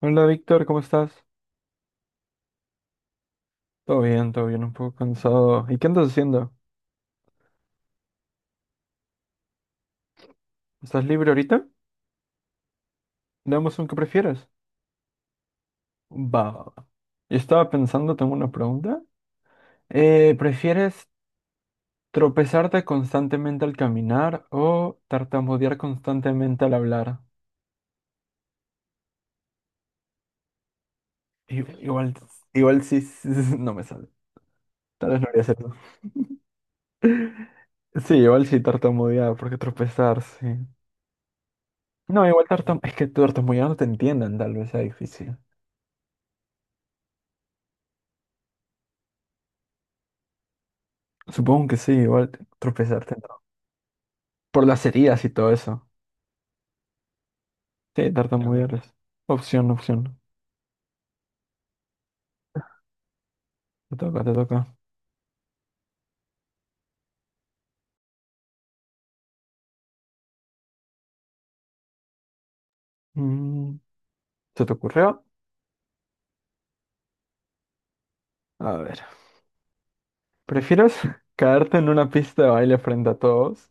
Hola Víctor, ¿cómo estás? Todo bien, un poco cansado. ¿Y qué andas haciendo? ¿Estás libre ahorita? Damos un que prefieres. Va, va, va. Yo estaba pensando, tengo una pregunta. ¿Prefieres tropezarte constantemente al caminar o tartamudear constantemente al hablar? Igual, igual sí, sí, sí, no me sale. Tal vez no haría hacerlo. Sí, igual sí tartamudear, porque tropezar, sí. No, igual es que tartamudear no te entiendan, tal vez sea difícil. Supongo que sí, igual tropezarte. Por las heridas y todo eso. Sí, claro, tartamudear es opción, opción. Te toca, te toca. Mm, ¿se te ocurrió? A ver. ¿Prefieres caerte en una pista de baile frente a todos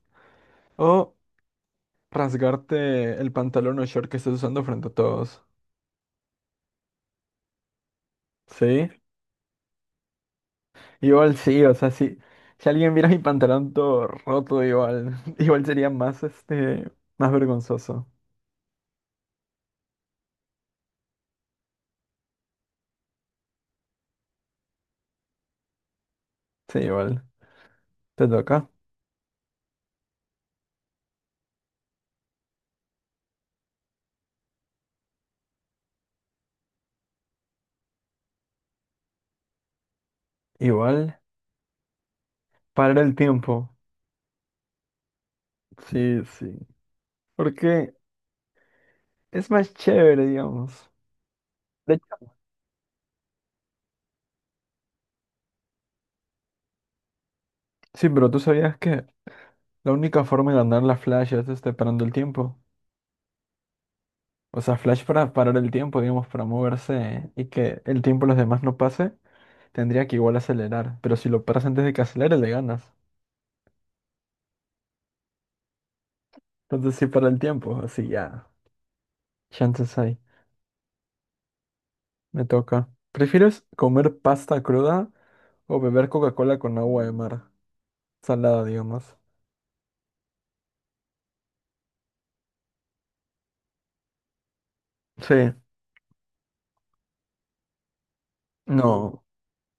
o rasgarte el pantalón o short que estás usando frente a todos? ¿Sí? Igual sí, o sea, si, si alguien viera mi pantalón todo roto, igual, igual sería más, este, más vergonzoso. Sí, igual. Te toca. Igual. Parar el tiempo. Sí, sí. Porque es más chévere, digamos. De hecho, sí, pero tú sabías que la única forma de ganar la Flash es este, parando el tiempo. O sea, Flash para parar el tiempo, digamos, para moverse y que el tiempo de los demás no pase, tendría que igual acelerar. Pero si lo paras antes de que acelere, le ganas. Entonces sí para el tiempo, así ya. Chances hay. Me toca. ¿Prefieres comer pasta cruda o beber Coca-Cola con agua de mar? Salada, digamos. Sí. No.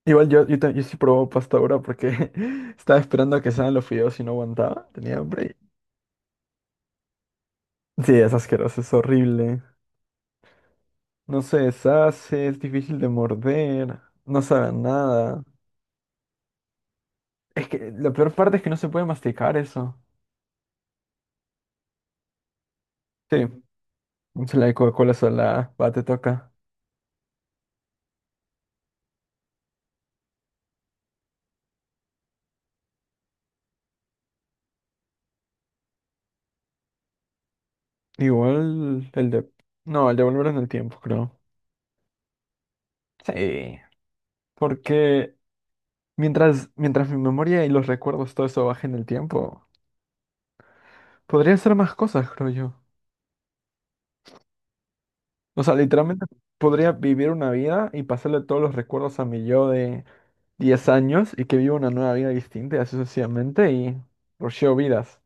Igual yo, yo sí probaba pasta ahora porque estaba esperando a que salgan los fideos y no aguantaba. Tenía hambre. Sí, es asqueroso, es horrible. No se deshace, es difícil de morder, no sabe a nada. Es que la peor parte es que no se puede masticar eso. Sí, se la de Coca-Cola sola, va, te toca. Igual el de... No, el de volver en el tiempo, creo. Sí, porque mientras mi memoria y los recuerdos, todo eso baje en el tiempo, podría hacer más cosas, creo yo. O sea, literalmente podría vivir una vida y pasarle todos los recuerdos a mi yo de 10 años y que viva una nueva vida distinta y así sucesivamente y rusheo vidas.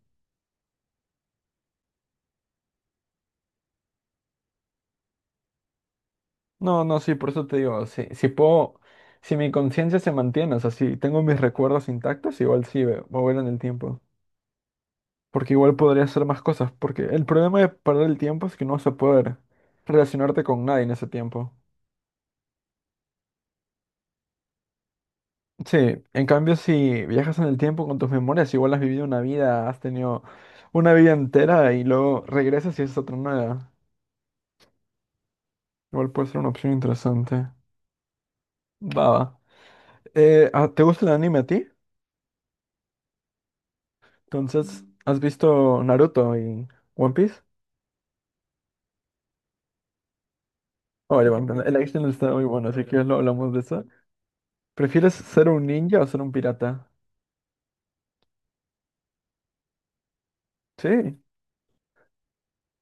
No, no, sí, por eso te digo, si, si puedo, si mi conciencia se mantiene, o sea, si tengo mis recuerdos intactos, igual sí, voy a ver en el tiempo. Porque igual podría hacer más cosas, porque el problema de perder el tiempo es que no vas a poder relacionarte con nadie en ese tiempo. Sí, en cambio si viajas en el tiempo con tus memorias, igual has vivido una vida, has tenido una vida entera y luego regresas y es otra nueva. Igual puede ser una opción interesante. Va, va. ¿Te gusta el anime a ti? Entonces, ¿has visto Naruto y One Piece? Oye, bueno, el action está muy bueno, así que ya lo hablamos de eso. ¿Prefieres ser un ninja o ser un pirata? Sí,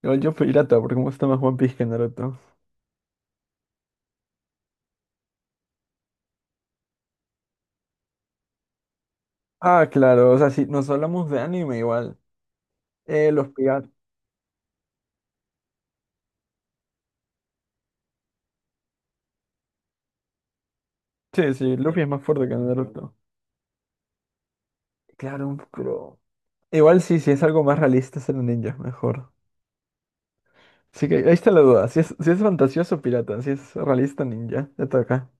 igual yo pirata, porque me gusta más One Piece que Naruto. Ah, claro, o sea, si nos hablamos de anime igual. Los piratas. Sí, sí, Luffy es más fuerte que Naruto. Claro, pero... Igual sí, sí es algo más realista ser un ninja, mejor. Así que ahí está la duda, si es, si es fantasioso pirata, si es realista ninja, ya está acá.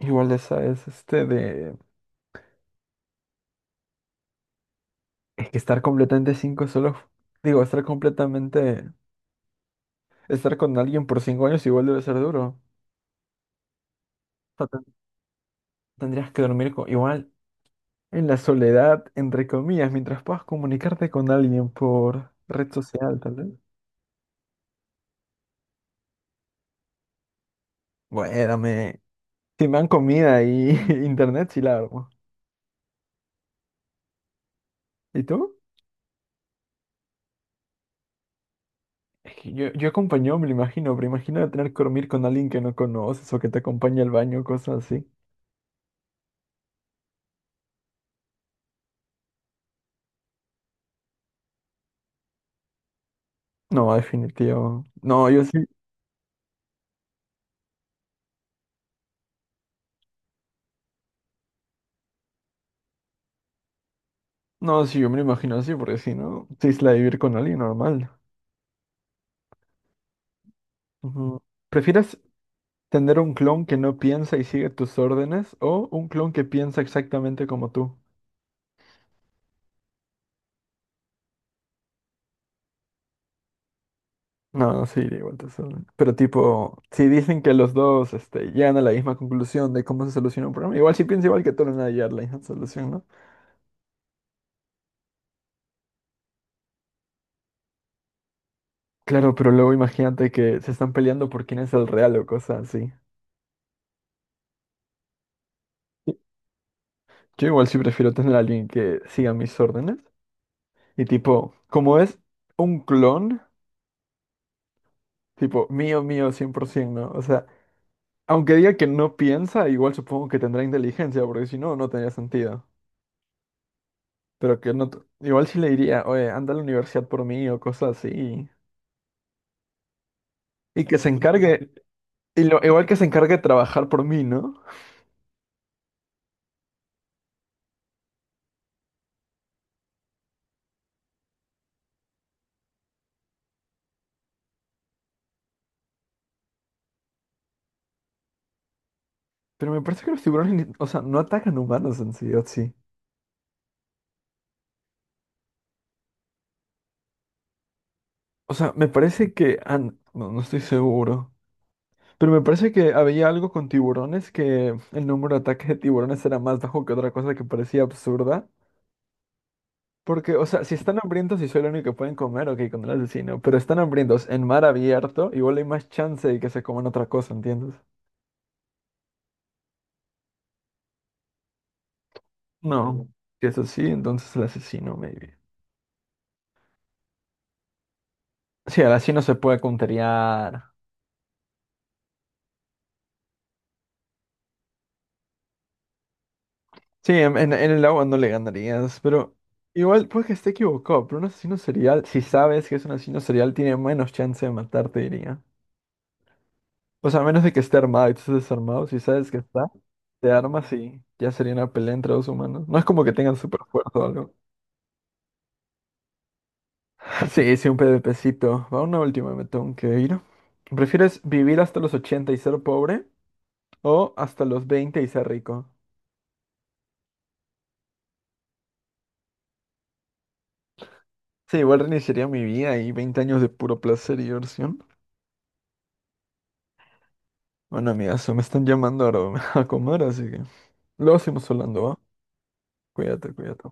Igual esa es este de... Es que estar completamente cinco solo... Digo, estar completamente... Estar con alguien por 5 años igual debe ser duro. O sea, tendrías que dormir igual en la soledad, entre comillas, mientras puedas comunicarte con alguien por red social, tal vez. Bueno, si me dan comida y internet, sí la armo. ¿Y tú? Es que yo acompañado me lo imagino, pero imagino tener que dormir con alguien que no conoces o que te acompañe al baño, cosas así. No, definitivo. No, yo sí. No, sí, yo me lo imagino así, porque si no, sí es la de vivir con alguien normal. Ujú. ¿Prefieres tener un clon que no piensa y sigue tus órdenes o un clon que piensa exactamente como tú? No, sí, de igual te. Pero tipo, si dicen que los dos este, llegan a la misma conclusión de cómo se soluciona un problema, igual si piensa igual que todos van a llegar a la misma solución, ¿no? Claro, pero luego imagínate que se están peleando por quién es el real o cosas así. Y- Yo igual sí prefiero tener a alguien que siga mis órdenes. Y tipo, como es un clon, tipo, mío, mío, 100%, ¿no? O sea, aunque diga que no piensa, igual supongo que tendrá inteligencia, porque si no, no tendría sentido. Pero que no. Igual sí le diría, oye, anda a la universidad por mí o cosas así. Y que se encargue. Y lo, igual que se encargue de trabajar por mí, ¿no? Pero me parece que los tiburones, o sea, no atacan humanos en sí, ¿o sí? O sea, me parece que no, no estoy seguro. Pero me parece que había algo con tiburones que el número de ataques de tiburones era más bajo que otra cosa que parecía absurda. Porque, o sea, si están hambrientos y soy el único que pueden comer, ok, con el asesino. Pero están hambrientos en mar abierto, igual hay más chance de que se coman otra cosa, ¿entiendes? No, si es así, entonces el asesino, maybe. Sí, al asesino se puede counterear. Sí, en el agua no le ganarías, pero igual puede que esté equivocado, pero un asesino serial, si sabes que es un asesino serial, tiene menos chance de matarte, diría. O sea, a menos de que esté armado y tú estés desarmado, si sabes que está, te armas y ya sería una pelea entre dos humanos. No es como que tengan super fuerza o algo. Sí, sí, un PvPcito. Va una última, me tengo que ir. ¿Prefieres vivir hasta los 80 y ser pobre o hasta los 20 y ser rico? Sí, igual reiniciaría mi vida y 20 años de puro placer y diversión. Bueno, amigazo, me están llamando ahora a comer, así que luego seguimos hablando, ¿va? Cuídate, cuídate.